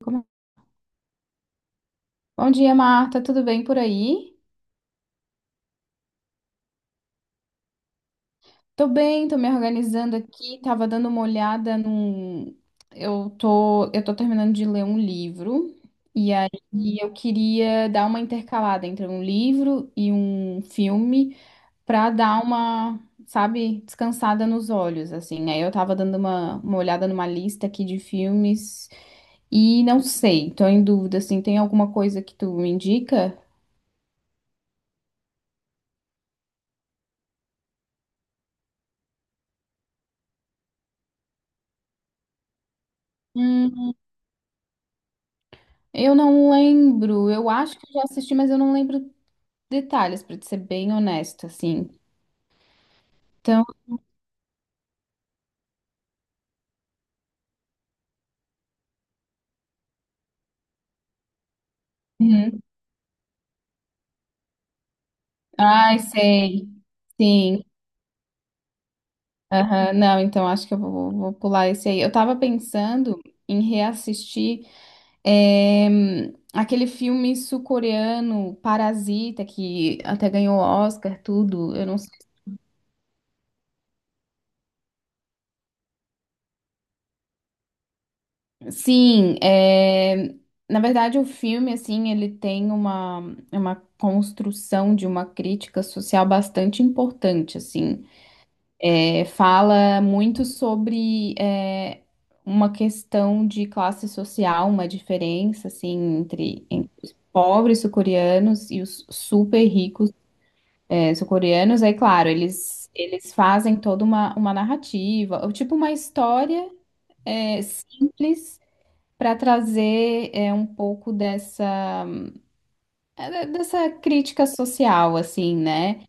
Como- Bom dia, Marta. Tudo bem por aí? Tô bem, tô me organizando aqui. Tava dando uma olhada num. Eu tô terminando de ler um livro. E aí eu queria dar uma intercalada entre um livro e um filme pra dar uma, sabe, descansada nos olhos, assim. Aí eu tava dando uma olhada numa lista aqui de filmes e não sei, tô em dúvida, assim. Tem alguma coisa que tu me indica? Eu não lembro. Eu acho que eu já assisti, mas eu não lembro detalhes, pra te ser bem honesta, assim. Então, uhum. Ai, sei. Sim. Aham. Não, então acho que eu vou pular esse aí. Eu tava pensando em reassistir aquele filme sul-coreano, Parasita, que até ganhou Oscar, tudo. Eu não sei. Sim, é... Na verdade o filme, assim, ele tem uma construção de uma crítica social bastante importante, assim. É, fala muito sobre uma questão de classe social, uma diferença, assim, entre os pobres sul-coreanos e os super ricos sul-coreanos. Aí, claro, eles fazem toda uma narrativa, ou tipo uma história simples para trazer um pouco dessa dessa crítica social, assim, né?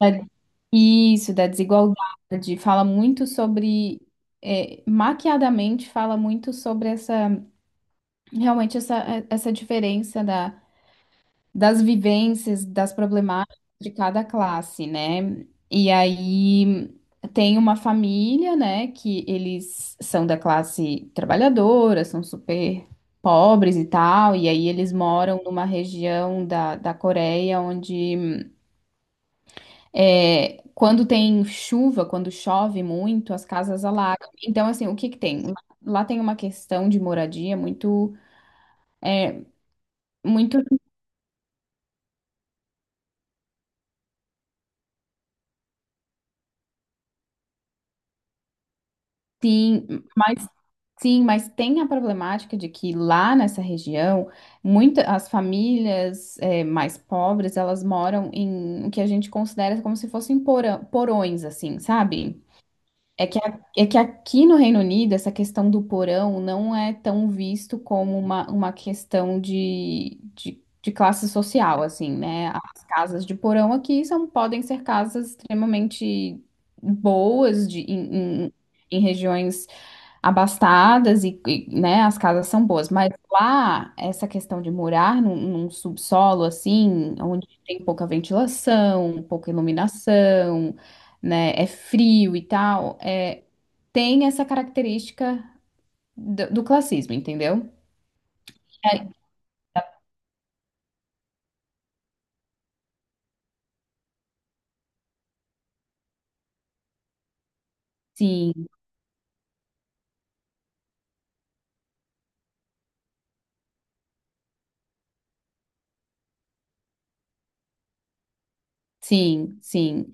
Da- Isso, da desigualdade. Fala muito sobre maquiadamente fala muito sobre essa realmente essa, essa diferença das vivências, das problemáticas de cada classe, né? E aí tem uma família, né, que eles são da classe trabalhadora, são super pobres e tal, e aí eles moram numa região da, da Coreia onde quando tem chuva, quando chove muito, as casas alagam. Então, assim, o que que tem? Lá tem uma questão de moradia muito, muito, sim, mais. Sim, mas tem a problemática de que lá nessa região, muita, as famílias mais pobres, elas moram em o que a gente considera como se fossem porão- porões, assim, sabe? É que, a- é que aqui no Reino Unido, essa questão do porão não é tão visto como uma questão de classe social, assim, né? As casas de porão aqui são, podem ser casas extremamente boas de, em em- em regiões abastadas e, né, as casas são boas, mas lá essa questão de morar num, num subsolo assim, onde tem pouca ventilação, pouca iluminação, né, é frio e tal, é, tem essa característica do, do classismo, entendeu? É, sim, sim, sim.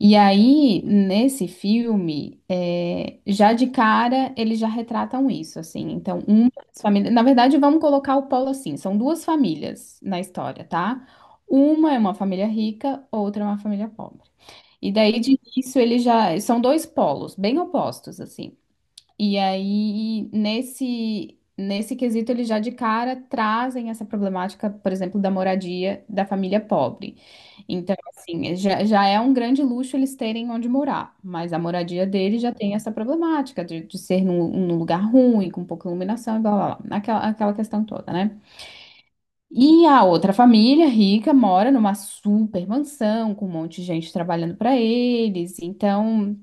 E aí, nesse filme, é, já de cara, eles já retratam isso, assim. Então, uma das famílias. Na verdade, vamos colocar o polo assim: são duas famílias na história, tá? Uma é uma família rica, outra é uma família pobre. E daí, de início, eles já. São dois polos, bem opostos, assim. E aí, nesse, nesse quesito, eles já de cara trazem essa problemática, por exemplo, da moradia da família pobre. Então, assim, já, já é um grande luxo eles terem onde morar, mas a moradia deles já tem essa problemática de ser num, num lugar ruim, com pouca iluminação e blá blá blá, aquela, aquela questão toda, né? E a outra família rica mora numa super mansão, com um monte de gente trabalhando para eles, então.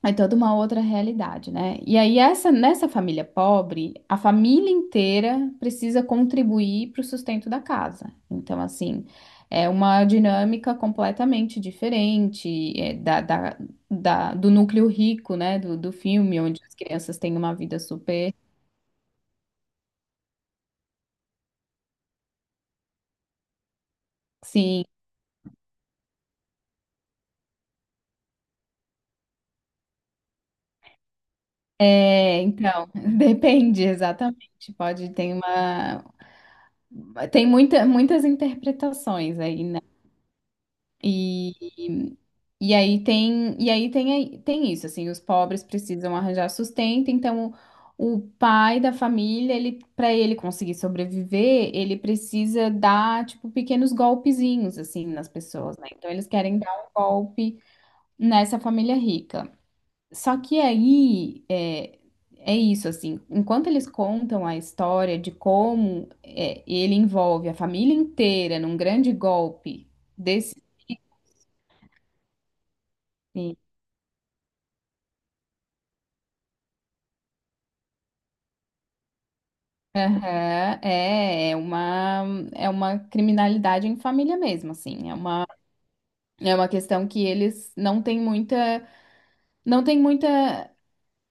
É toda uma outra realidade, né? E aí, essa, nessa família pobre, a família inteira precisa contribuir para o sustento da casa. Então, assim, é uma dinâmica completamente diferente é, do núcleo rico, né? Do, do filme, onde as crianças têm uma vida super. Sim. É, então, depende exatamente. Pode ter uma. Tem muita, muitas interpretações aí, né? E aí tem, e aí tem, Tem isso, assim, os pobres precisam arranjar sustento, então o pai da família, ele, para ele conseguir sobreviver, ele precisa dar, tipo, pequenos golpezinhos, assim, nas pessoas, né? Então eles querem dar um golpe nessa família rica. Só que aí é, é isso, assim, enquanto eles contam a história de como é, ele envolve a família inteira num grande golpe desse. Aham, é, é uma criminalidade em família mesmo, assim, é uma questão que eles não têm muita, não tem muita,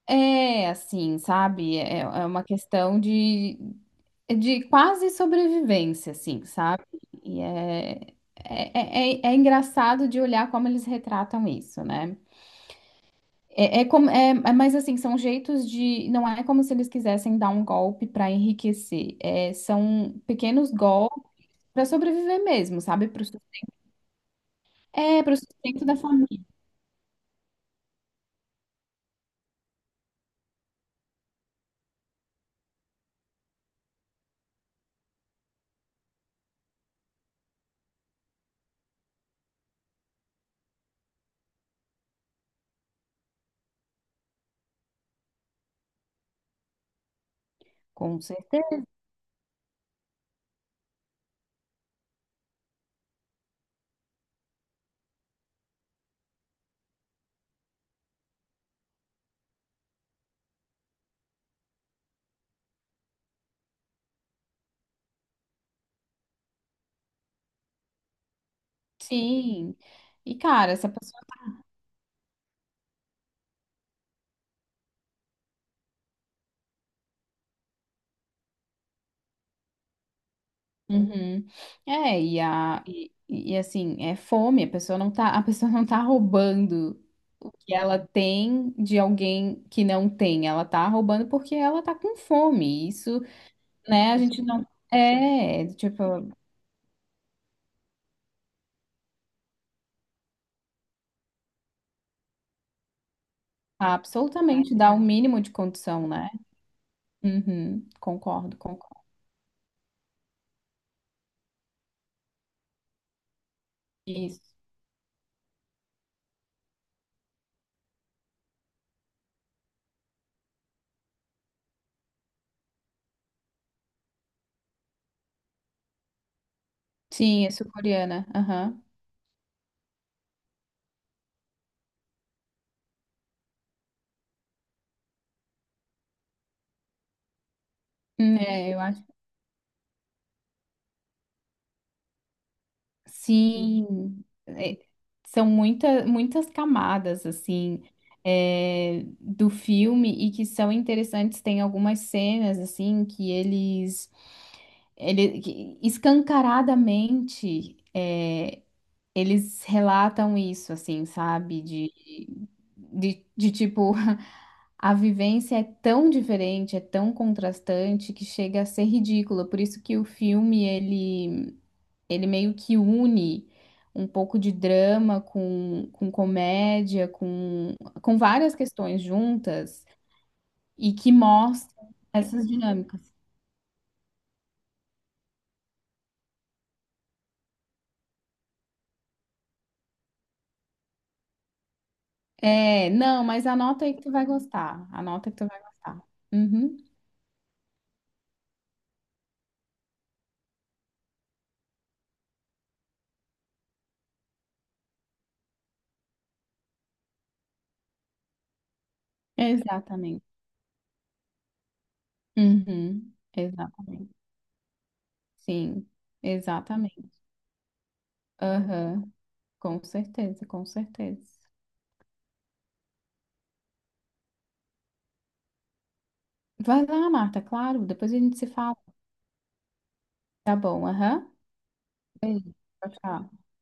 é, assim, sabe, é, é uma questão de quase sobrevivência, assim, sabe, e é, é engraçado de olhar como eles retratam isso, né, é, é como, mas assim, são jeitos de, não é como se eles quisessem dar um golpe para enriquecer, é, são pequenos golpes. Para sobreviver mesmo, sabe? Pro, sus- é, para o sustento da família. Com certeza. Sim. E, cara, essa pessoa. Uhum. É, e, a, e, e assim, é fome, a pessoa não tá, a pessoa não tá roubando o que ela tem de alguém que não tem. Ela tá roubando porque ela tá com fome. Isso, né, a gente não. É, tipo, absolutamente dá o mínimo de condição, né? Uhum, concordo, concordo. Isso. Sim, é sul-coreana. Aham. É, eu acho. Sim, é, são muita, muitas camadas assim do filme e que são interessantes. Tem algumas cenas assim que eles, ele, que escancaradamente é, eles relatam isso, assim, sabe? De, de tipo a vivência é tão diferente, é tão contrastante que chega a ser ridícula. Por isso que o filme ele. Ele meio que une um pouco de drama com comédia, com várias questões juntas e que mostra essas dinâmicas. É, não, mas anota aí que tu vai gostar. Anota que tu vai gostar. Uhum, exatamente. Uhum, exatamente. Sim, exatamente. Aham, com certeza, com certeza. Vai lá, Marta, claro, depois a gente se fala. Tá bom, aham. Beijo, tchau, tchau.